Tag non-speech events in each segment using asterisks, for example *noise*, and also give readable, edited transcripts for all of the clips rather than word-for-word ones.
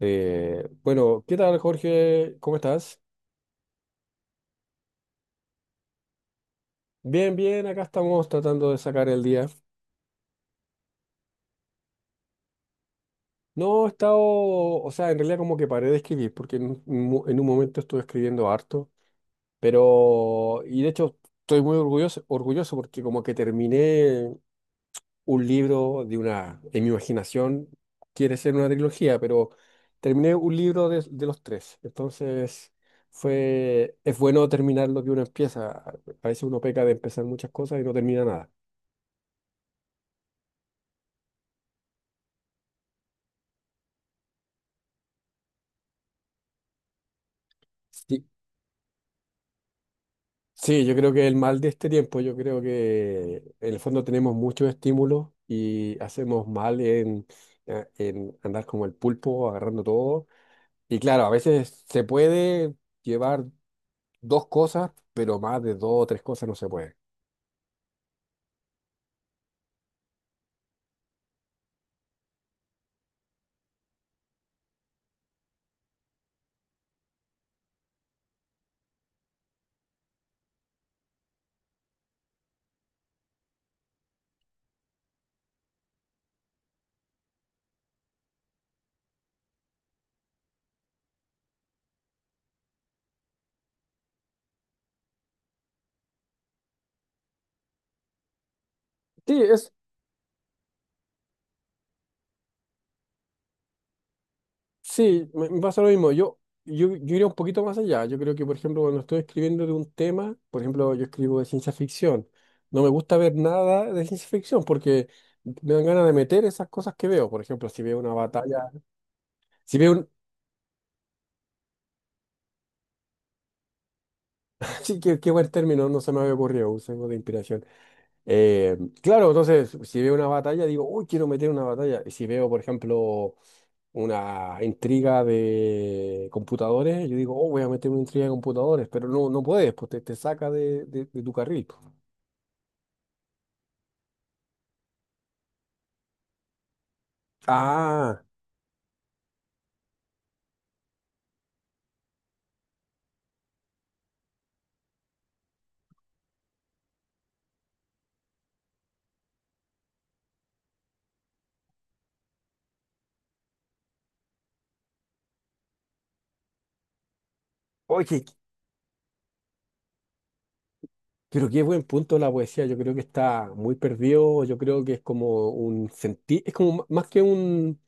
Bueno, ¿qué tal, Jorge? ¿Cómo estás? Bien, bien, acá estamos tratando de sacar el día. No he estado, o sea, en realidad como que paré de escribir, porque en un momento estuve escribiendo harto, pero, y de hecho estoy muy orgulloso, orgulloso porque como que terminé un libro de una, en mi imaginación, quiere ser una trilogía, pero terminé un libro de los tres. Entonces, es bueno terminar lo que uno empieza. A veces uno peca de empezar muchas cosas y no termina nada. Sí, sí, yo creo que el mal de este tiempo, yo creo que en el fondo tenemos muchos estímulos y hacemos mal en andar como el pulpo, agarrando todo. Y claro, a veces se puede llevar dos cosas, pero más de dos o tres cosas no se puede. Sí, sí, me pasa lo mismo. Yo iría un poquito más allá. Yo creo que, por ejemplo, cuando estoy escribiendo de un tema, por ejemplo, yo escribo de ciencia ficción. No me gusta ver nada de ciencia ficción porque me dan ganas de meter esas cosas que veo. Por ejemplo, si veo una batalla, si veo un... *laughs* Sí, qué buen término, no se me había ocurrido, usemos de inspiración. Eh, claro, entonces, si veo una batalla, digo, uy, quiero meter una batalla. Y si veo, por ejemplo, una intriga de computadores, yo digo, oh, voy a meter una intriga de computadores, pero no puedes, pues te saca de tu carril, pues. Ah, oye, pero qué buen punto la poesía. Yo creo que está muy perdido, yo creo que es como un sentido, es como m- más que un,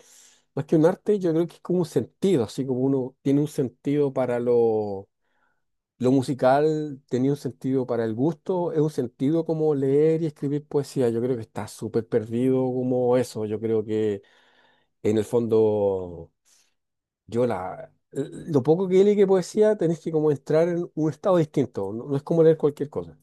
más que un arte, yo creo que es como un sentido, así como uno tiene un sentido para lo musical, tenía un sentido para el gusto, es un sentido como leer y escribir poesía, yo creo que está súper perdido como eso, yo creo que en el fondo, yo la... Lo poco que leí que poesía, tenés que como entrar en un estado distinto, no es como leer cualquier cosa.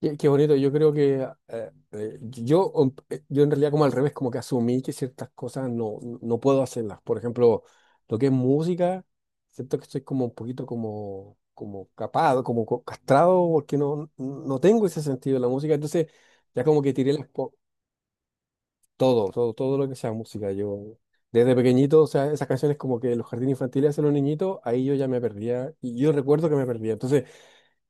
Qué bonito, yo creo que yo en realidad como al revés, como que asumí que ciertas cosas no puedo hacerlas. Por ejemplo, lo que es música, siento que estoy como un poquito como capado, como castrado, porque no tengo ese sentido de la música. Entonces, ya como que tiré todo, todo, todo lo que sea música. Yo desde pequeñito, o sea, esas canciones como que los jardines infantiles hacen los niñitos, ahí yo ya me perdía y yo recuerdo que me perdía. Entonces,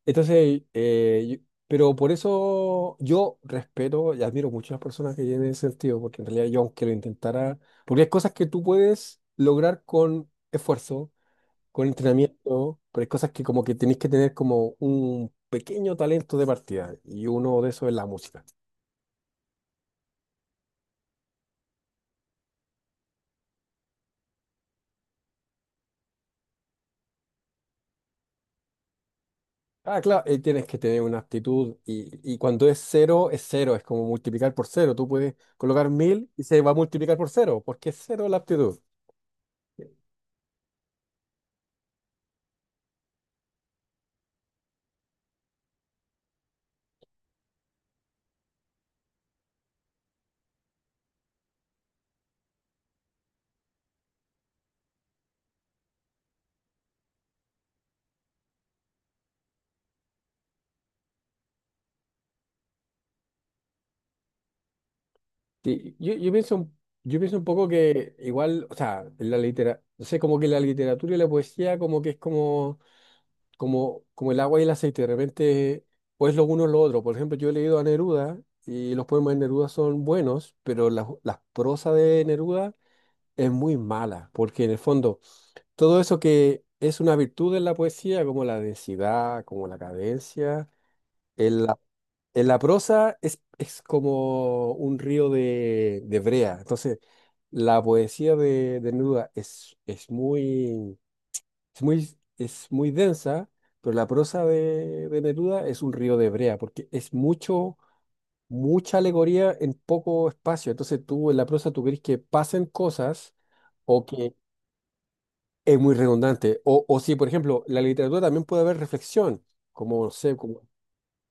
entonces, pero por eso yo respeto y admiro mucho a las personas que tienen ese sentido, porque en realidad yo aunque lo intentara, porque hay cosas que tú puedes lograr con esfuerzo, con entrenamiento, pero hay cosas que como que tenés que tener como un pequeño talento de partida, y uno de esos es la música. Ah, claro, tienes que tener una actitud, y cuando es cero, es cero, es como multiplicar por cero, tú puedes colocar mil y se va a multiplicar por cero, porque es cero la actitud. Sí, yo pienso un poco que igual, o sea, no sé, como que la literatura y la poesía como que es como el agua y el aceite, de repente o es lo uno o lo otro. Por ejemplo, yo he leído a Neruda y los poemas de Neruda son buenos, pero la prosa de Neruda es muy mala, porque en el fondo todo eso que es una virtud en la poesía, como la densidad, como la cadencia, en la, en la prosa es como un río de brea. Entonces, la poesía de Neruda es muy densa, pero la prosa de Neruda es un río de brea, porque es mucha alegoría en poco espacio. Entonces, tú en la prosa tú querés que pasen cosas o que es muy redundante. O si, por ejemplo, la literatura también puede haber reflexión, como, no sé,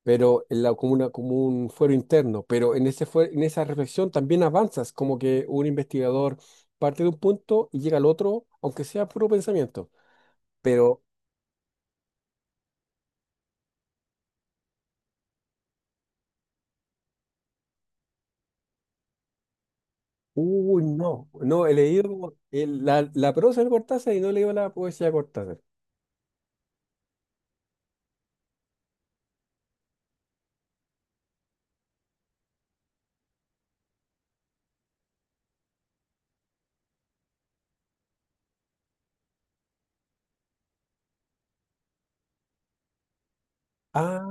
pero en la, como, una- como un fuero interno, pero en esa reflexión también avanzas, como que un investigador parte de un punto y llega al otro, aunque sea puro pensamiento. Pero, uy, no, he leído la prosa de Cortázar y no he leído la poesía de Cortázar. Ah,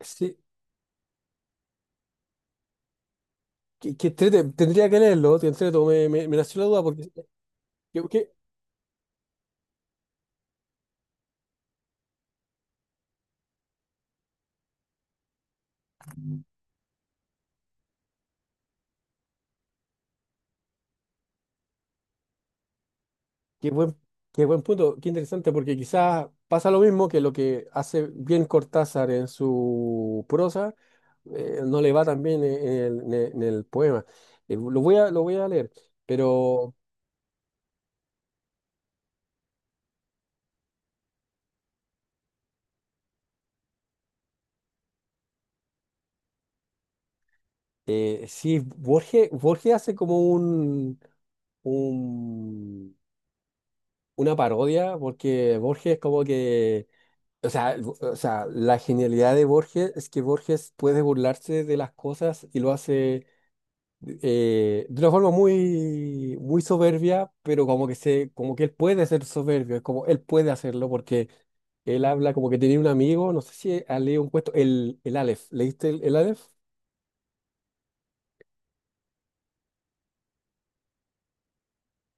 sí, tendría que leerlo, me nació la duda, porque... ¿qué- qué? Qué buen, qué buen punto, qué interesante, porque quizás pasa lo mismo que lo que hace bien Cortázar en su prosa, no le va tan bien en el poema. Lo voy a leer, pero sí, Borges hace como un- una parodia, porque Borges es como que, o sea, o sea, la genialidad de Borges es que Borges puede burlarse de las cosas y lo hace de una forma muy, muy soberbia, pero como que como que él puede ser soberbio, es como él puede hacerlo porque él habla como que tenía un amigo, no sé si ha leído un cuento, el Aleph, ¿leíste el Aleph?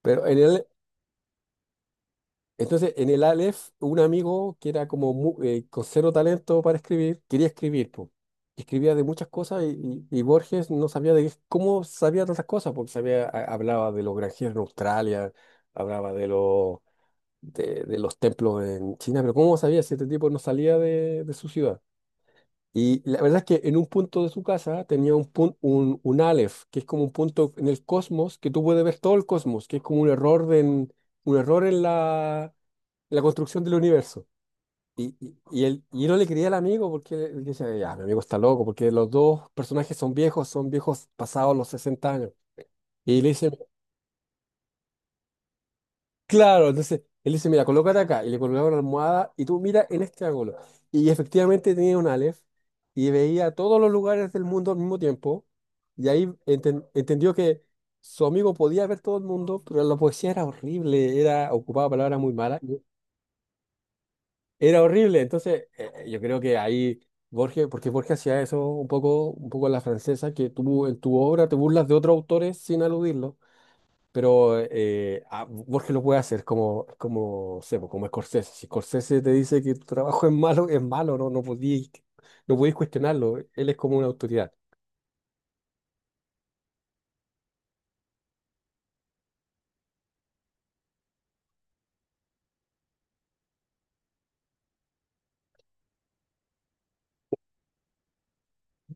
Pero en el, entonces en el Aleph un amigo que era con cero talento para escribir, quería escribir, po. Escribía de muchas cosas y Borges no sabía cómo sabía tantas cosas, porque sabía, hablaba de los granjeros en Australia, hablaba de los templos en China, pero ¿cómo sabía si este tipo no salía de su ciudad? Y la verdad es que en un punto de su casa tenía un Aleph, que es como un punto en el cosmos, que tú puedes ver todo el cosmos, que es como un error, un error en la construcción del universo. Y yo no le creía al amigo porque él decía, ya, mi amigo está loco, porque los dos personajes son viejos pasados los 60 años. Y le dice. Claro, entonces él dice, mira, colócate acá. Y le colocaba una almohada y tú mira en este ángulo. Y efectivamente tenía un Aleph y veía todos los lugares del mundo al mismo tiempo. Y ahí entendió que su amigo podía ver todo el mundo, pero la poesía era horrible, era ocupaba palabras muy malas. Era horrible. Entonces yo creo que ahí Borges, porque Borges hacía eso un poco a la francesa, que tú en tu obra te burlas de otros autores sin aludirlo. Pero Borges lo puede hacer no sé, pues, como Scorsese. Si Scorsese te dice que tu trabajo es malo, no podíais cuestionarlo. Él es como una autoridad.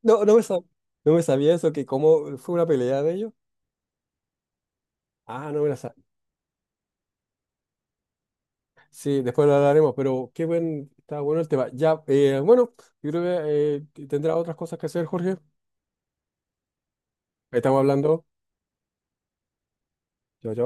No, no me sabía eso, que como fue una pelea de ellos. Ah, no me la sabía. Sí, después lo hablaremos, pero está bueno el tema. Ya, bueno, yo creo que tendrá otras cosas que hacer, Jorge. Estamos hablando. Chao, chao.